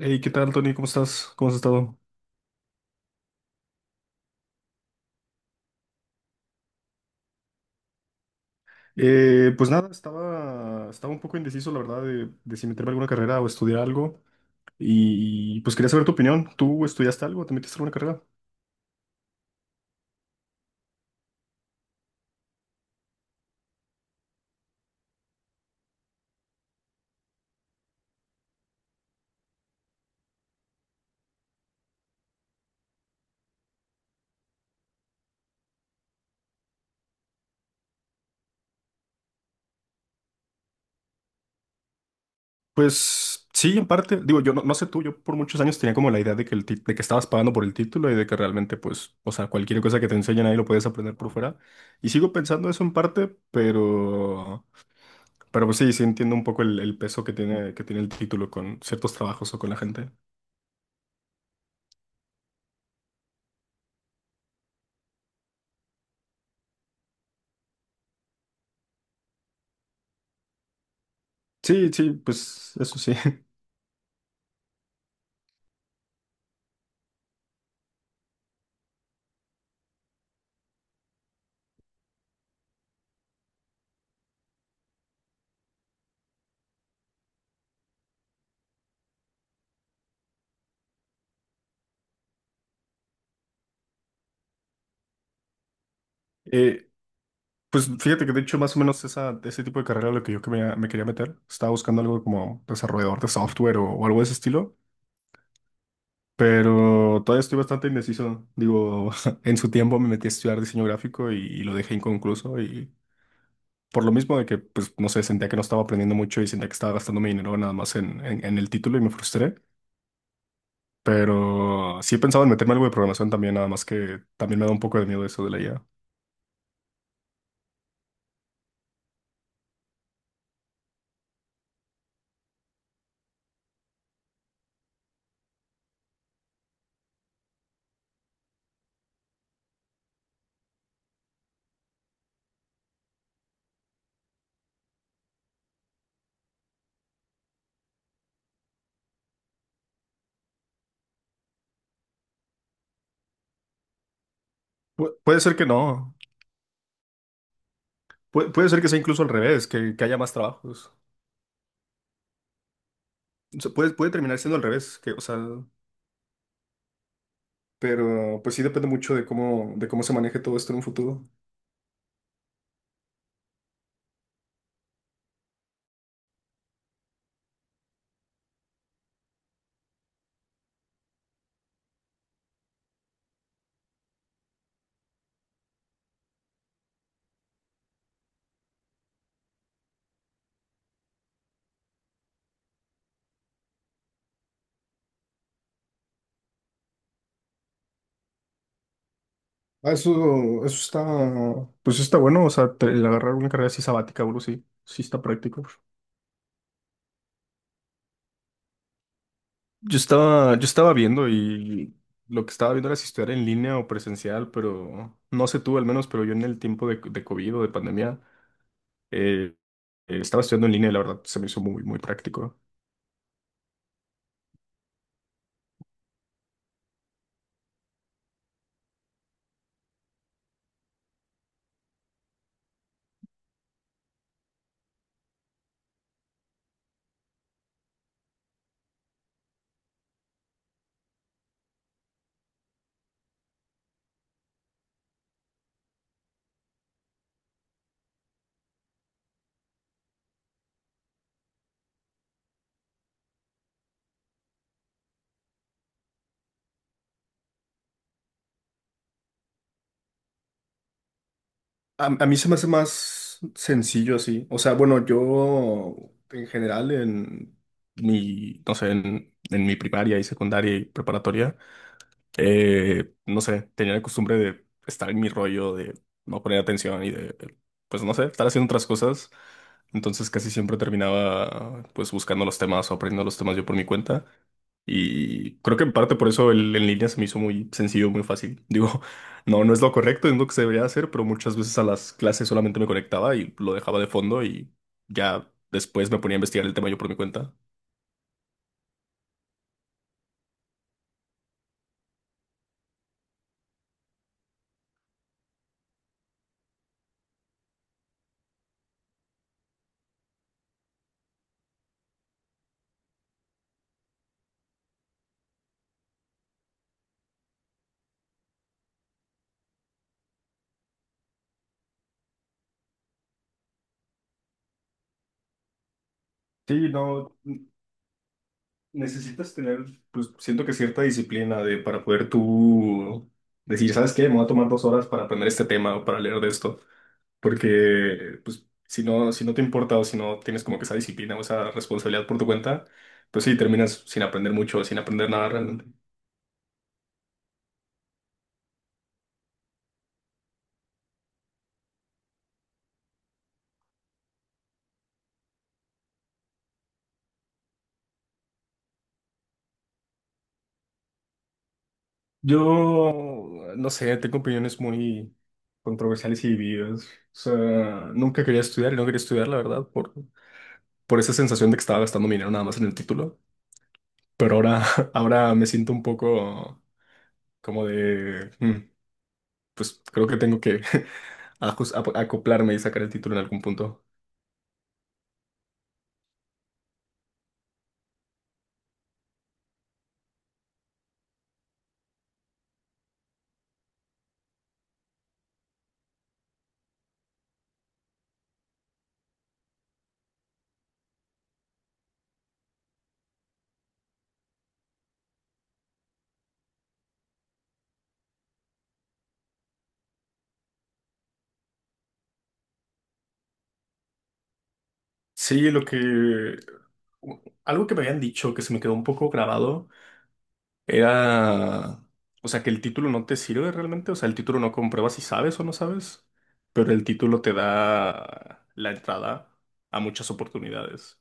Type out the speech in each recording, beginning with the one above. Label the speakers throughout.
Speaker 1: Hey, ¿qué tal, Tony? ¿Cómo estás? ¿Cómo has estado? Pues nada, estaba un poco indeciso, la verdad, de si meterme a alguna carrera o estudiar algo. Y pues quería saber tu opinión. ¿Tú estudiaste algo? ¿Te metiste a alguna carrera? Pues sí, en parte. Digo, yo no sé tú, yo por muchos años tenía como la idea de que, de que estabas pagando por el título y de que realmente, pues, o sea, cualquier cosa que te enseñen ahí lo puedes aprender por fuera. Y sigo pensando eso en parte, pero pues sí, sí entiendo un poco el peso que tiene el título con ciertos trabajos o con la gente. Sí, sí, pues eso sí. Eh, pues fíjate que de hecho más o menos esa, ese tipo de carrera era lo que yo que me quería meter. Estaba buscando algo como desarrollador de software o algo de ese estilo, pero todavía estoy bastante indeciso. Digo, en su tiempo me metí a estudiar diseño gráfico y lo dejé inconcluso y por lo mismo de que, pues no sé, sentía que no estaba aprendiendo mucho y sentía que estaba gastando mi dinero nada más en el título y me frustré. Pero sí he pensado en meterme algo de programación también, nada más que también me da un poco de miedo eso de la IA. Pu- puede ser que no. Puede, puede ser que sea incluso al revés, que haya más trabajos. O sea, puede, puede terminar siendo al revés, que, o sea, pero pues sí depende mucho de cómo se maneje todo esto en un futuro. Ah, eso está, pues está bueno, o sea, te- el agarrar una carrera así sabática, bro, sí, sí está práctico. Yo estaba viendo y lo que estaba viendo era si estudiar en línea o presencial, pero no sé tú al menos, pero yo en el tiempo de COVID o de pandemia eh, estaba estudiando en línea y la verdad se me hizo muy, muy práctico. A mí se me hace más sencillo así. O sea, bueno, yo en general en mi, no sé, en mi primaria y secundaria y preparatoria no sé, tenía la costumbre de estar en mi rollo, de no poner atención y de, pues no sé, estar haciendo otras cosas. Entonces casi siempre terminaba pues buscando los temas o aprendiendo los temas yo por mi cuenta. Y creo que en parte por eso el en línea se me hizo muy sencillo, muy fácil. Digo, no es lo correcto, es lo que se debería hacer, pero muchas veces a las clases solamente me conectaba y lo dejaba de fondo y ya después me ponía a investigar el tema yo por mi cuenta. Sí, no. Necesitas tener, pues siento que cierta disciplina de, para poder tú decir, ¿sabes qué? Me voy a tomar 2 horas para aprender este tema o para leer de esto. Porque, pues, si no te importa o si no tienes como que esa disciplina o esa responsabilidad por tu cuenta, pues sí, terminas sin aprender mucho o sin aprender nada realmente. Yo, no sé, tengo opiniones muy controversiales y divididas. O sea, nunca quería estudiar y no quería estudiar, la verdad, por esa sensación de que estaba gastando mi dinero nada más en el título. Pero ahora, ahora me siento un poco como de, "Mm, pues creo que tengo que ajus- ap- acoplarme y sacar el título en algún punto". Sí, lo que... Algo que me habían dicho que se me quedó un poco grabado era, o sea, que el título no te sirve realmente, o sea, el título no comprueba si sabes o no sabes, pero el título te da la entrada a muchas oportunidades.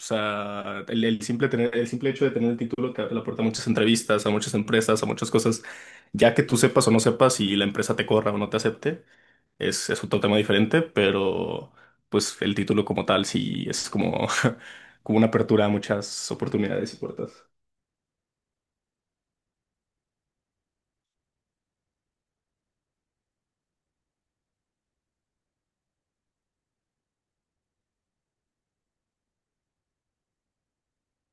Speaker 1: O sea, el simple tener, el simple hecho de tener el título te abre la puerta a muchas entrevistas, a muchas empresas, a muchas cosas. Ya que tú sepas o no sepas y la empresa te corra o no te acepte, es otro tema diferente, pero pues el título como tal sí es como, como una apertura a muchas oportunidades y puertas.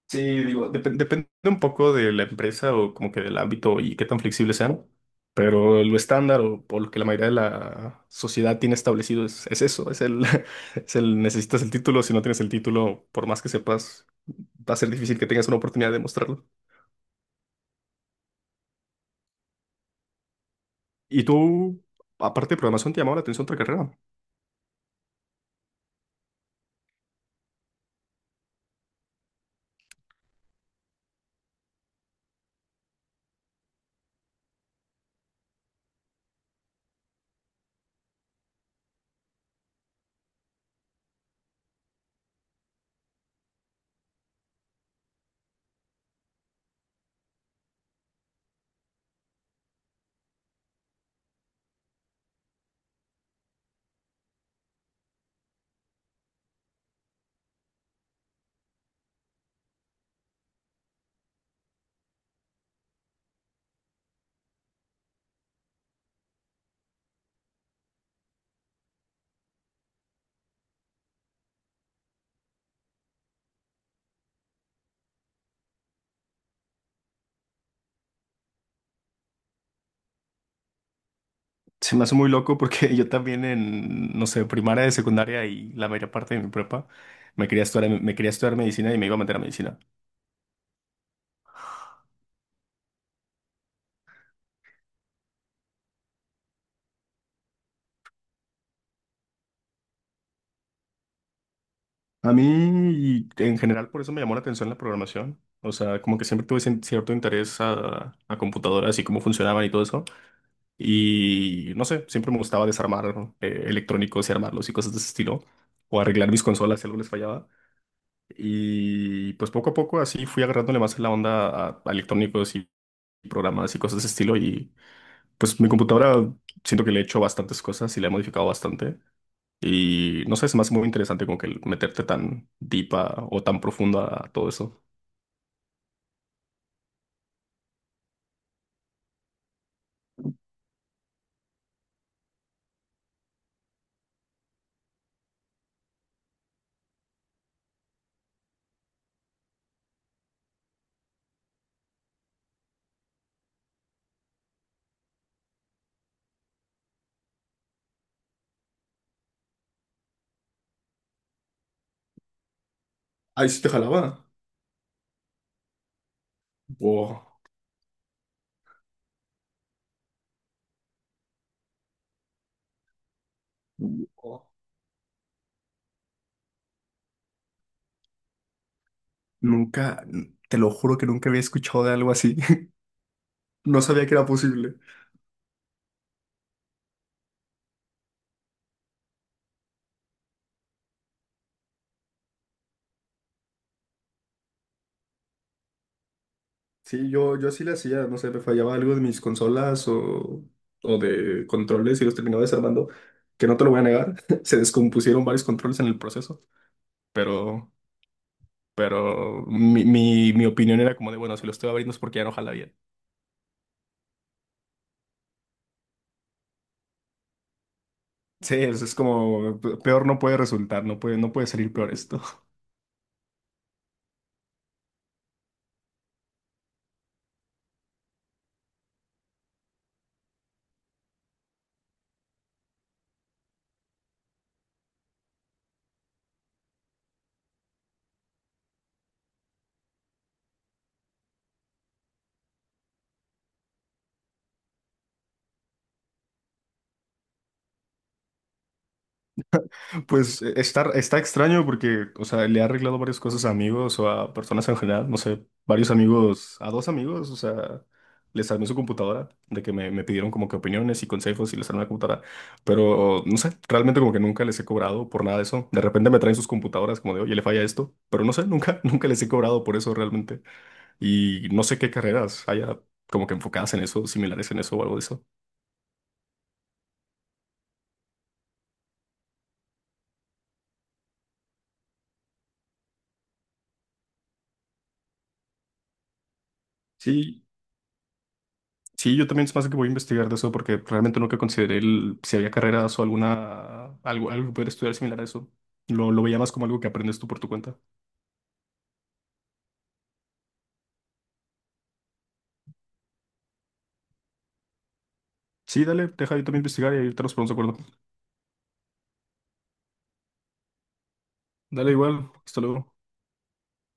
Speaker 1: Sí, digo, depende un poco de la empresa o como que del ámbito y qué tan flexibles sean, pero lo estándar o por lo que la mayoría de la sociedad tiene establecido es eso, es el necesitas el título, si no tienes el título, por más que sepas, va a ser difícil que tengas una oportunidad de mostrarlo. Y tú, aparte de programación, te llamaba la atención otra carrera. Se me hace muy loco porque yo también en, no sé, primaria, de secundaria y la mayor parte de mi prepa, me quería estudiar medicina y me iba a meter a medicina. A mí, y en general, por eso me llamó la atención la programación. O sea, como que siempre tuve cierto interés a computadoras y cómo funcionaban y todo eso. Y no sé, siempre me gustaba desarmar electrónicos y armarlos y cosas de ese estilo. O arreglar mis consolas si algo les fallaba. Y pues poco a poco así fui agarrándole más la onda a electrónicos y programas y cosas de ese estilo. Y pues mi computadora siento que le he hecho bastantes cosas y la he modificado bastante. Y no sé, se me hace muy interesante como que el meterte tan deep o tan profundo a todo eso. Ahí sí te jalaba. Wow. Wow. Nunca, te lo juro que nunca había escuchado de algo así. No sabía que era posible. Sí, yo sí le hacía, no sé, me fallaba algo de mis consolas o de controles y los terminaba desarmando, que no te lo voy a negar, se descompusieron varios controles en el proceso, pero, pero mi opinión era como de, bueno, si lo estoy abriendo es porque ya no jala bien. Sí, es como peor no puede resultar, no puede, no puede salir peor esto. Pues está, está extraño porque, o sea, le ha arreglado varias cosas a amigos o a personas en general, no sé, varios amigos, a dos amigos, o sea, les armé su computadora, de que me pidieron como que opiniones y consejos y les armé la computadora, pero no sé, realmente como que nunca les he cobrado por nada de eso. De repente me traen sus computadoras como de, oye, le falla esto, pero no sé, nunca, nunca les he cobrado por eso realmente. Y no sé qué carreras haya como que enfocadas en eso, similares en eso o algo de eso. Sí, sí, yo también se me más que voy a investigar de eso porque realmente nunca consideré el- si había carreras o alguna, algo, algo que pudiera estudiar similar a eso. Lo veía más como algo que aprendes tú por tu cuenta. Sí, dale, deja yo también investigar y ahí te los ponemos de acuerdo. Dale igual, hasta luego.